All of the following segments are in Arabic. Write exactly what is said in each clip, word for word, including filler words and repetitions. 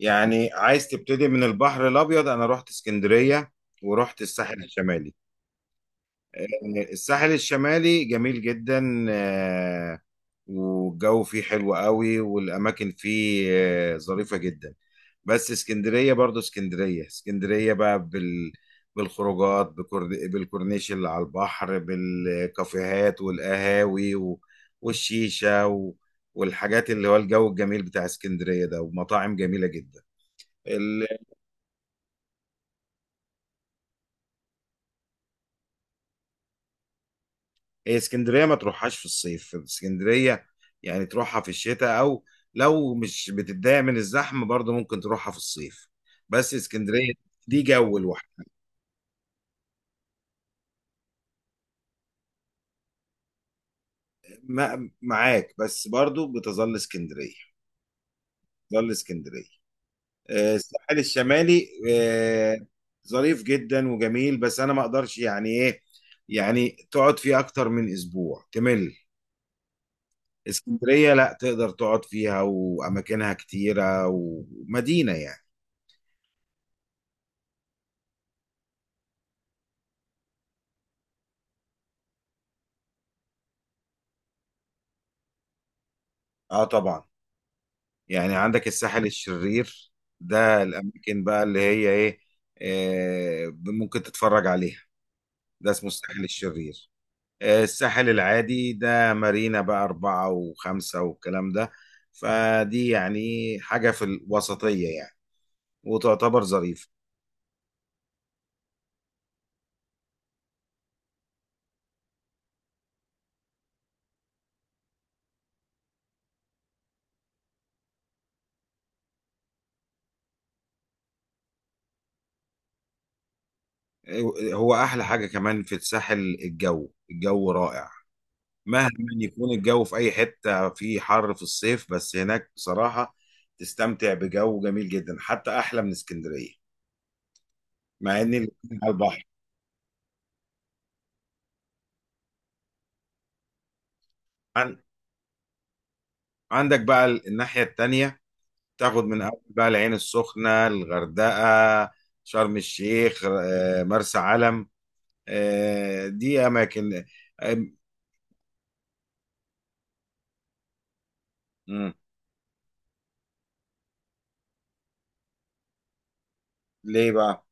يعني عايز تبتدي من البحر الابيض. انا رحت اسكندريه ورحت الساحل الشمالي. الساحل الشمالي جميل جدا، آه، والجو فيه حلو قوي، والاماكن فيه آه، ظريفه جدا. بس اسكندريه برضو اسكندريه اسكندريه بقى بال بالخروجات، بكورن- بالكورنيش اللي على البحر، بالكافيهات والقهاوي و- والشيشه و- والحاجات، اللي هو الجو الجميل بتاع اسكندريه ده، ومطاعم جميله جدا. هي اسكندريه ما تروحهاش في الصيف. اسكندريه يعني تروحها في الشتاء، او لو مش بتتضايق من الزحمه برضه ممكن تروحها في الصيف. بس اسكندريه دي جو لوحده. ما- معاك، بس برضه بتظل اسكندريه بتظل اسكندريه. آه، الساحل الشمالي آه، ظريف جدا وجميل، بس انا ما اقدرش يعني ايه، يعني تقعد فيه اكتر من اسبوع تمل. اسكندريه لا تقدر تقعد فيها، واماكنها كتيره ومدينه يعني. اه، طبعا، يعني عندك الساحل الشرير. ده الأماكن بقى اللي هي إيه، آه، ممكن تتفرج عليها. ده اسمه الساحل الشرير. آه، الساحل العادي ده مارينا بقى أربعة وخمسة والكلام ده. فدي يعني إيه، حاجة في الوسطية يعني، وتعتبر ظريفة. آه، هو أحلى حاجة كمان في الساحل، الجو الجو رائع. مهما يكون الجو في أي حتة في حر في الصيف، بس هناك بصراحة تستمتع بجو جميل جدا، حتى أحلى من اسكندرية، مع ان الاتنين على البحر. عن- عندك بقى ال- الناحية التانية، تاخد من أول بقى العين السخنة، الغردقة، شرم الشيخ، آه، مرسى علم. آه، دي أماكن آه، مم. ليه بقى؟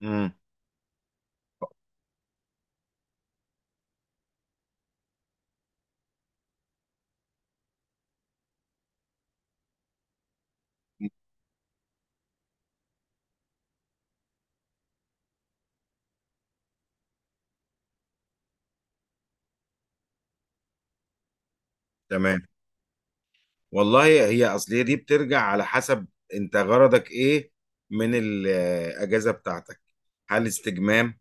مم. تمام. والله هي أصلية دي بترجع على حسب. أنت غرضك إيه من الأجازة بتاعتك؟ هل استجمام،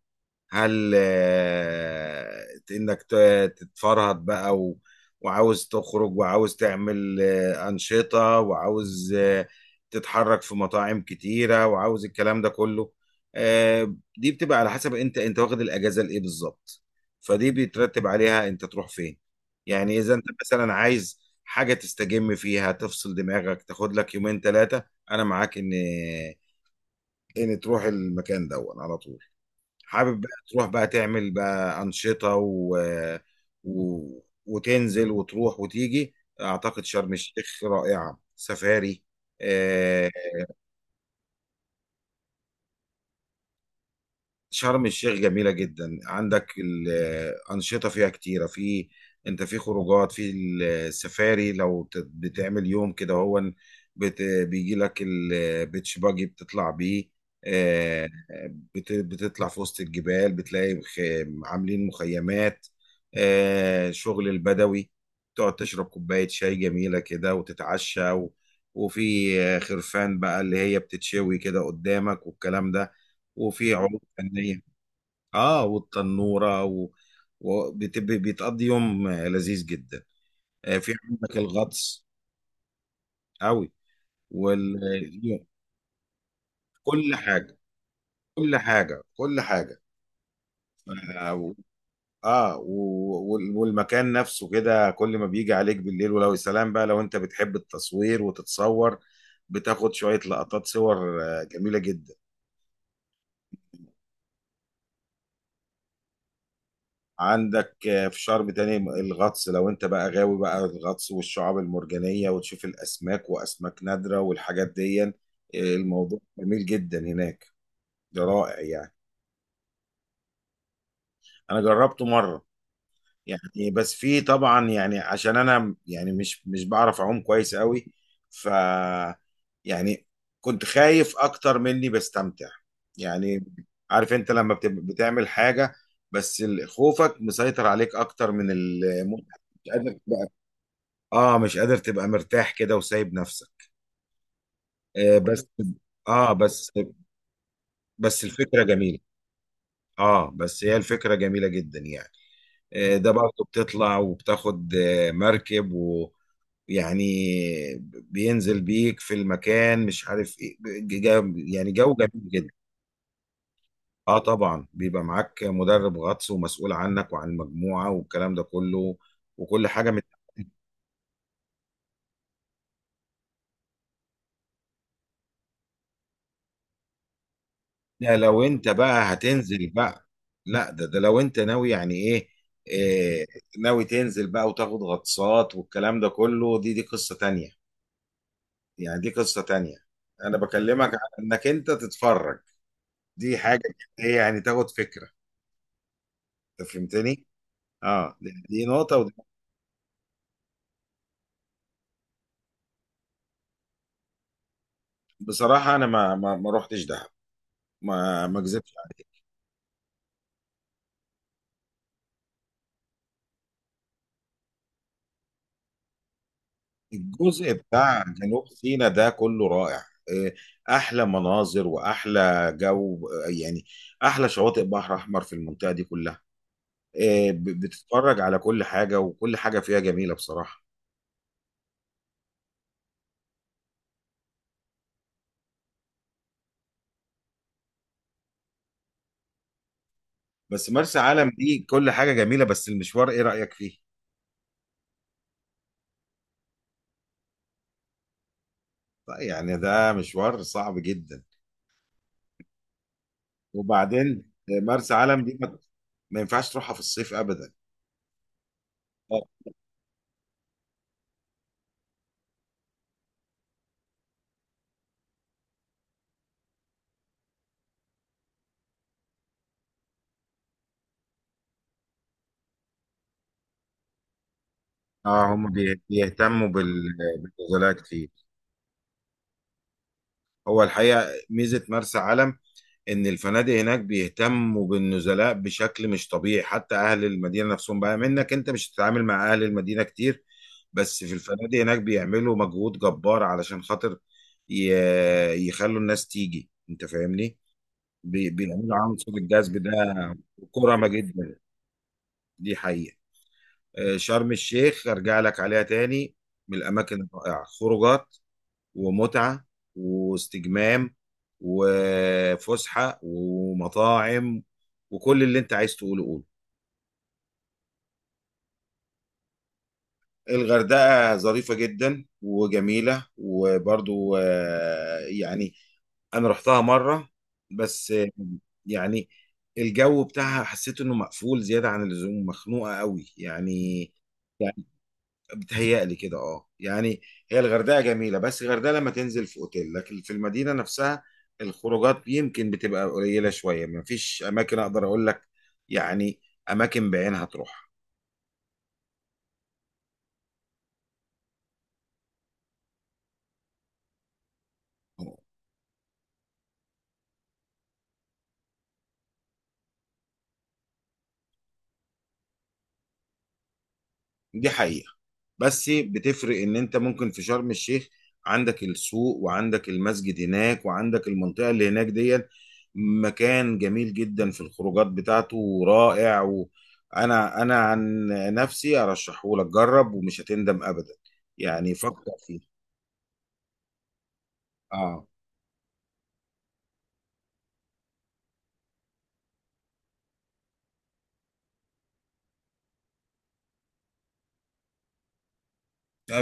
هل آه، انك ت- تتفرهد بقى و... وعاوز تخرج، وعاوز تعمل آه، أنشطة، وعاوز آه، تتحرك في مطاعم كتيرة، وعاوز الكلام ده كله؟ آه، دي بتبقى على حسب انت انت واخد الأجازة لإيه بالظبط. فدي بيترتب عليها انت تروح فين. يعني اذا انت مثلا عايز حاجة تستجم فيها، تفصل دماغك، تاخد لك يومين ثلاثة، انا معاك ان ان تروح المكان ده على طول. حابب بقى تروح بقى تعمل بقى أنشطة و... و... وتنزل وتروح وتيجي. أعتقد شرم الشيخ رائعة، سفاري. آه، شرم الشيخ جميلة جدا. عندك الأنشطة فيها كتيرة. في أنت في خروجات، في السفاري، لو ت- بتعمل يوم كده، هو بت... بيجي لك البيتش باجي بتطلع بيه. آه، بت... بتطلع في وسط الجبال، بتلاقي خ... عاملين مخيمات، آه، شغل البدوي. تقعد تشرب كوباية شاي جميلة كده وتتعشى، و... وفي آه، خرفان بقى اللي هي بتتشوي كده قدامك والكلام ده، وفي عروض فنية. اه، والتنورة، و... وبيتقضي يوم آه، لذيذ جدا. آه، في عندك الغطس. قوي وال... كل حاجة، كل حاجة، كل حاجة. اه و- آه، و- وال- والمكان نفسه كده، كل ما بيجي عليك بالليل، ولو يا سلام بقى لو انت بتحب التصوير وتتصور، بتاخد شوية لقطات صور آه، جميلة جدا. عندك آه، في شرم تاني الغطس، لو انت بقى غاوي بقى الغطس والشعاب المرجانية، وتشوف الأسماك وأسماك نادرة والحاجات دي. آه، الموضوع جميل جدا هناك، ده رائع يعني. أنا جربته مرة يعني، بس في طبعا يعني عشان أنا يعني مش مش بعرف أعوم كويس قوي. ف يعني كنت خايف أكتر مني بستمتع يعني. عارف انت لما بت- بتعمل حاجة، بس ال- خوفك مسيطر عليك أكتر من المتعة، مش قادر. اه، مش قادر تبقى مرتاح كده وسايب نفسك. آه، بس. اه بس بس الفكرة جميلة. اه، بس هي الفكرة جميلة جدا يعني. آه، ده برضه بتطلع وبتاخد آه مركب ويعني بينزل بيك في المكان، مش عارف ايه، جو- يعني جو جميل جدا. اه طبعا بيبقى معاك مدرب غطس ومسؤول عنك وعن المجموعة والكلام ده كله، وكل حاجة. ده لو انت بقى هتنزل بقى. لا، ده ده لو انت ناوي يعني ايه، إيه، ناوي تنزل بقى وتاخد غطسات والكلام ده كله، دي دي قصة تانية. يعني دي قصة تانية، انا بكلمك عن انك انت تتفرج، دي حاجة ايه يعني، تاخد فكرة. انت فهمتني. اه، دي, دي نقطة ودي. بصراحة انا ما ما, ما رحتش دهب، ما ما اكذبش. الجزء بتاع جنوب سيناء ده كله رائع، إيه، احلى مناظر واحلى جو، آه، يعني احلى شواطئ بحر احمر في المنطقه دي كلها. إيه، ب- بتتفرج على كل حاجه، وكل حاجه فيها جميله بصراحه. بس مرسى علم دي كل حاجه جميله، بس المشوار ايه رايك فيه؟ طيب يعني ده مشوار صعب جدا. وبعدين إيه، مرسى علم دي ما ما ينفعش تروحها في الصيف ابدا. اه، هم بي- بيهتموا بال- بالنزلات كتير. هو الحقيقه ميزه مرسى علم ان الفنادق هناك بيهتموا بالنزلاء بشكل مش طبيعي، حتى اهل المدينه نفسهم بقى، منك انت مش هتتعامل مع اهل المدينه كتير، بس في الفنادق هناك بيعملوا مجهود جبار علشان خاطر ي- يخلوا الناس تيجي. انت فاهمني، بي- بيعملوا عنصر الجذب ده. كرمه جدا، دي حقيقه. آه، شرم الشيخ ارجع لك عليها تاني، من الاماكن الرائعه، خروجات، ومتعة، واستجمام، وفسحة، ومطاعم، وكل اللي انت عايز تقوله قوله. الغردقة ظريفة جدا وجميلة وبرضو، آه، يعني انا رحتها مرة، بس آه، يعني الجو بتاعها حسيت انه مقفول زيادة عن اللزوم، مخنوقة قوي يعني. بتهيألي كده، اه يعني. هي الغردقه جميله، بس الغردقه لما تنزل في اوتيل، لكن في المدينه نفسها الخروجات يمكن بتبقى قليله شويه، ما فيش اماكن اقدر اقول لك يعني اماكن بعينها تروح. دي حقيقة، بس بتفرق ان انت ممكن في شرم الشيخ عندك السوق، وعندك المسجد هناك، وعندك المنطقة اللي هناك دي. مكان جميل جدا في الخروجات بتاعته ورائع، وانا انا عن نفسي ارشحه لك، جرب ومش هتندم ابدا، يعني فكر فيه. اه،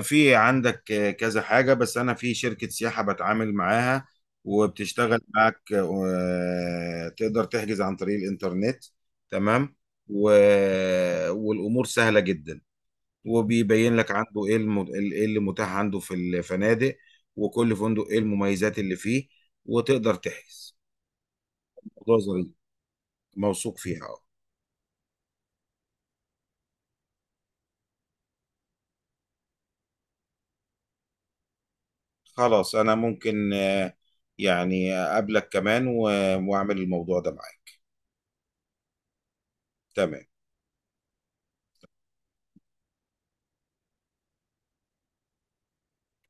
في عندك كذا حاجة، بس أنا في شركة سياحة بتعامل معاها وبتشتغل معك، آه، تقدر تحجز عن طريق الإنترنت. تمام، و... والأمور سهلة جدا، وبيبين لك عنده إيه الم... إيه اللي متاح عنده في الفنادق، وكل فندق إيه المميزات اللي فيه، وتقدر تحجز. موضوع ظريف، موثوق فيها أه. خلاص، أنا ممكن آه، يعني أقابلك كمان و... وأعمل الموضوع ده معاك. تمام.